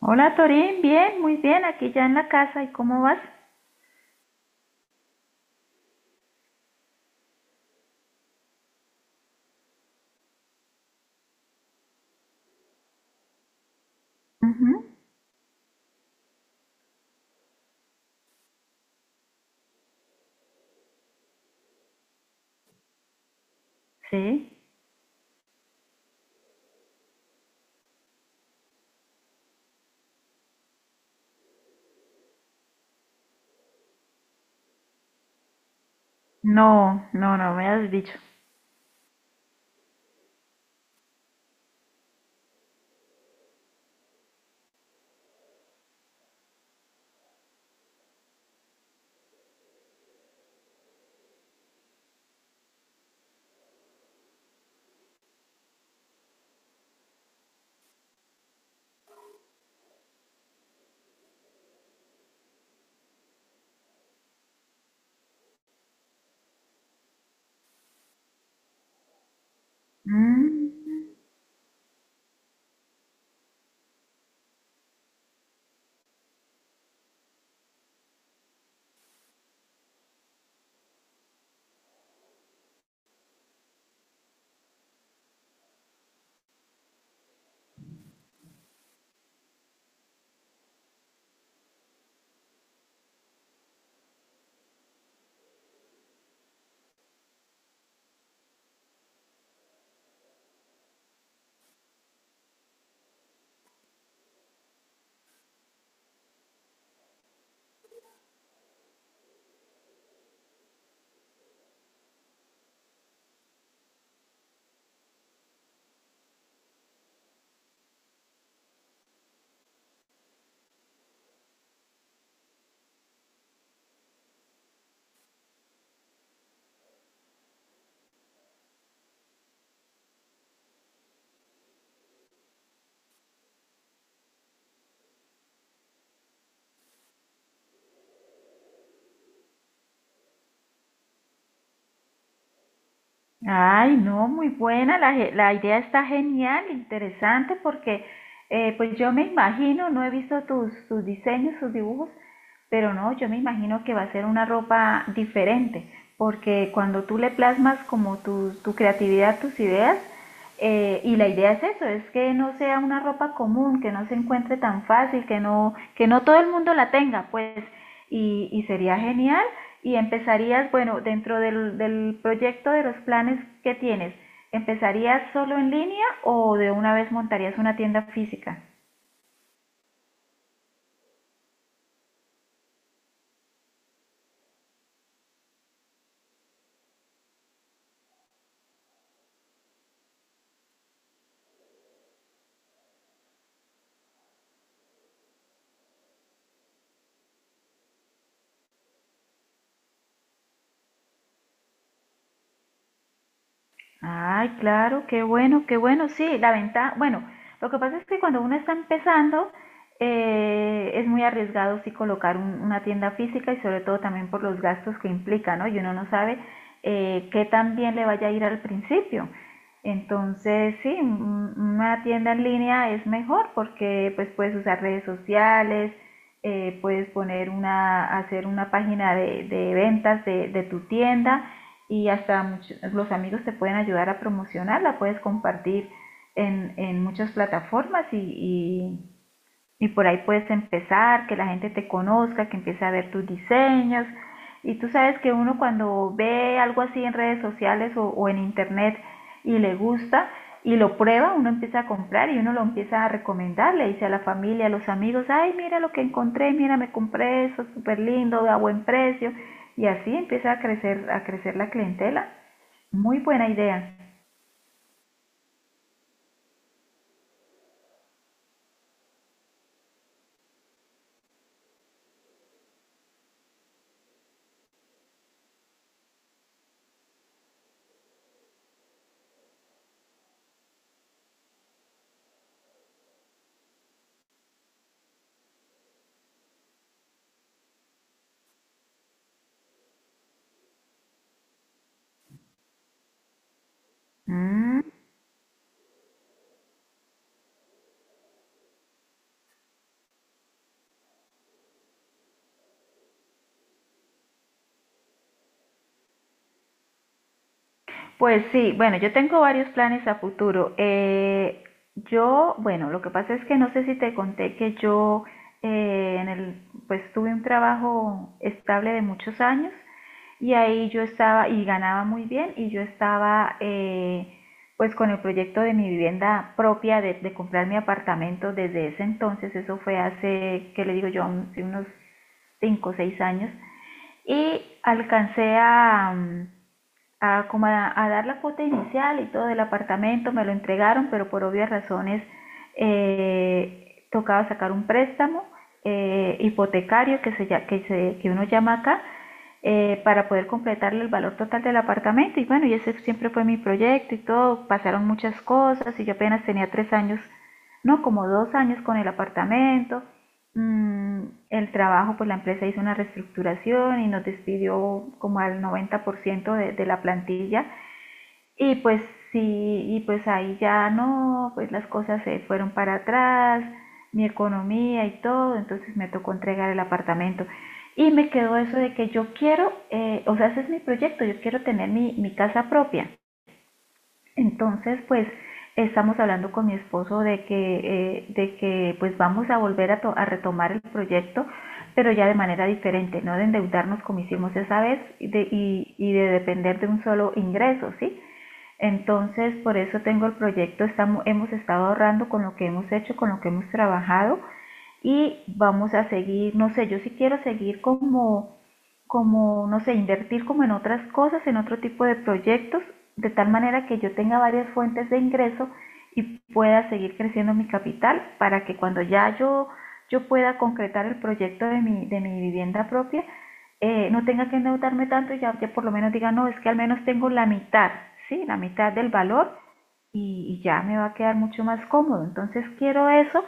Hola Torín, bien, muy bien, aquí ya en la casa. ¿Y cómo vas? Ujú, sí. No, no, no me has dicho. Mm. Ay, no, muy buena, la idea está genial, interesante, porque pues yo me imagino, no he visto tus diseños, tus dibujos, pero no, yo me imagino que va a ser una ropa diferente, porque cuando tú le plasmas como tu creatividad, tus ideas. Y la idea es eso, es que no sea una ropa común, que no se encuentre tan fácil, que no todo el mundo la tenga, pues y sería genial. Y empezarías, bueno, dentro del proyecto, de los planes que tienes, ¿empezarías solo en línea o de una vez montarías una tienda física? Ay, claro, qué bueno, qué bueno. Sí, la ventaja, bueno, lo que pasa es que cuando uno está empezando, es muy arriesgado sí colocar una tienda física, y sobre todo también por los gastos que implica, ¿no? Y uno no sabe qué tan bien le vaya a ir al principio. Entonces, sí, una tienda en línea es mejor, porque pues puedes usar redes sociales, puedes poner una, hacer una página de ventas de tu tienda, y hasta los amigos te pueden ayudar a promocionarla, puedes compartir en muchas plataformas, y por ahí puedes empezar, que la gente te conozca, que empiece a ver tus diseños. Y tú sabes que uno, cuando ve algo así en redes sociales o en internet y le gusta y lo prueba, uno empieza a comprar y uno lo empieza a recomendar, le dice a la familia, a los amigos: ay, mira lo que encontré, mira, me compré eso, súper lindo, a buen precio. Y así empieza a crecer la clientela. Muy buena idea. Mm. Pues sí, bueno, yo tengo varios planes a futuro. Yo, bueno, lo que pasa es que no sé si te conté que yo, eh, en el, pues tuve un trabajo estable de muchos años, y ahí yo estaba y ganaba muy bien, y yo estaba, pues, con el proyecto de mi vivienda propia de comprar mi apartamento desde ese entonces. Eso fue hace, ¿qué le digo yo? Sí, unos 5, o 6 años, y alcancé a, mm, a, como a dar la cuota inicial y todo del apartamento, me lo entregaron, pero por obvias razones tocaba sacar un préstamo, hipotecario, que uno llama acá, para poder completarle el valor total del apartamento. Y bueno, y ese siempre fue mi proyecto y todo. Pasaron muchas cosas, y yo apenas tenía 3 años, no, como 2 años con el apartamento. Mm, el trabajo, pues, la empresa hizo una reestructuración y nos despidió como al 90% de la plantilla. Y pues sí, y pues ahí ya no, pues las cosas se fueron para atrás, mi economía y todo, entonces me tocó entregar el apartamento. Y me quedó eso de que yo quiero, o sea, ese es mi proyecto, yo quiero tener mi casa propia. Entonces, pues, estamos hablando con mi esposo de que pues vamos a volver a retomar el proyecto, pero ya de manera diferente, no de endeudarnos como hicimos esa vez, y de, y de depender de un solo ingreso, ¿sí? Entonces, por eso tengo el proyecto, estamos, hemos estado ahorrando con lo que hemos hecho, con lo que hemos trabajado, y vamos a seguir, no sé, yo sí quiero seguir como, no sé, invertir como en otras cosas, en otro tipo de proyectos, de tal manera que yo tenga varias fuentes de ingreso y pueda seguir creciendo mi capital, para que cuando ya yo pueda concretar el proyecto de mi vivienda propia, no tenga que endeudarme tanto, y ya, ya, por lo menos diga: no, es que al menos tengo la mitad, ¿sí? La mitad del valor, y ya me va a quedar mucho más cómodo. Entonces quiero eso,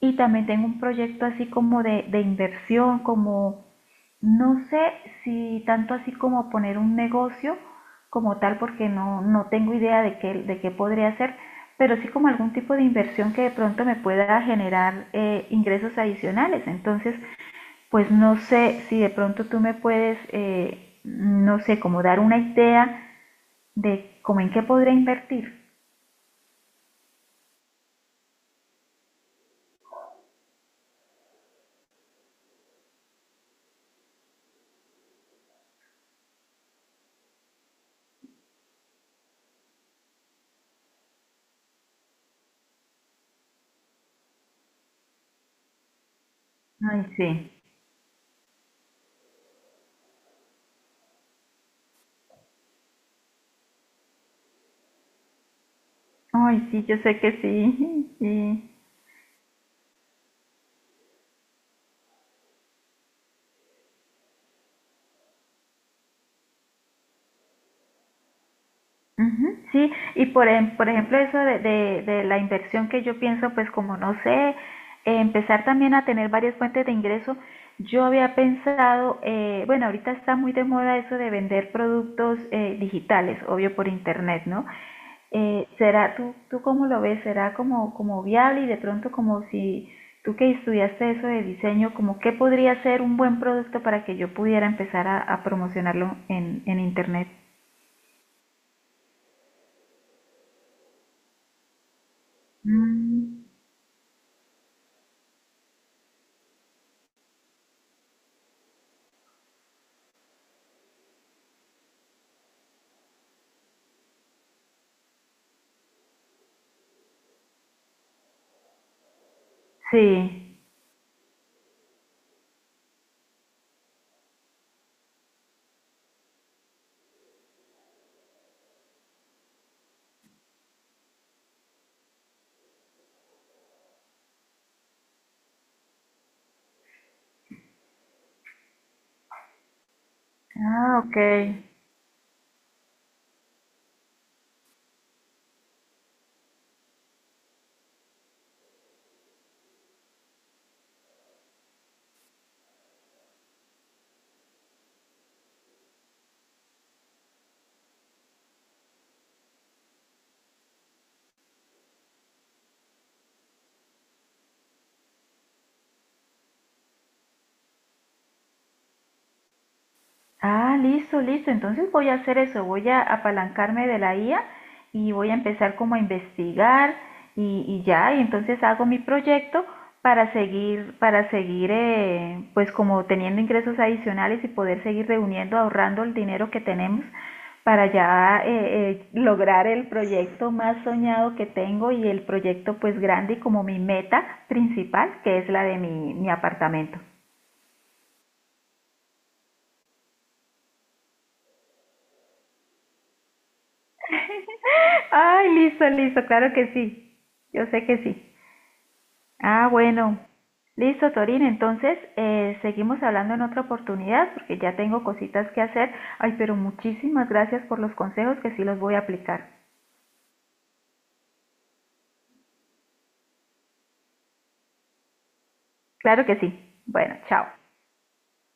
y también tengo un proyecto así como de inversión, como no sé si tanto así como poner un negocio como tal, porque no, no tengo idea de qué podría hacer, pero sí como algún tipo de inversión que de pronto me pueda generar, ingresos adicionales. Entonces, pues, no sé si de pronto tú me puedes, no sé, como dar una idea de cómo, en qué podría invertir. Ay, sí. Ay, sí, yo sé que sí, sí. Ujú, sí, y por ejemplo, eso de la inversión, que yo pienso, pues como no sé, empezar también a tener varias fuentes de ingreso. Yo había pensado, bueno, ahorita está muy de moda eso de vender productos digitales, obvio por internet, ¿no? ¿Será, tú cómo lo ves? ¿Será como viable? Y de pronto, como si tú, que estudiaste eso de diseño, como qué podría ser un buen producto para que yo pudiera empezar a promocionarlo en internet. Mm, sí. Ah, ok. Ah, listo, listo. Entonces voy a hacer eso, voy a apalancarme de la IA y voy a empezar como a investigar, y ya, y entonces hago mi proyecto para seguir, pues, como teniendo ingresos adicionales, y poder seguir reuniendo, ahorrando el dinero que tenemos, para ya lograr el proyecto más soñado que tengo, y el proyecto pues grande y como mi meta principal, que es la de mi apartamento. Ay, listo, listo, claro que sí. Yo sé que sí. Ah, bueno. Listo, Torín. Entonces, seguimos hablando en otra oportunidad, porque ya tengo cositas que hacer. Ay, pero muchísimas gracias por los consejos, que sí los voy a aplicar. Claro que sí. Bueno, chao.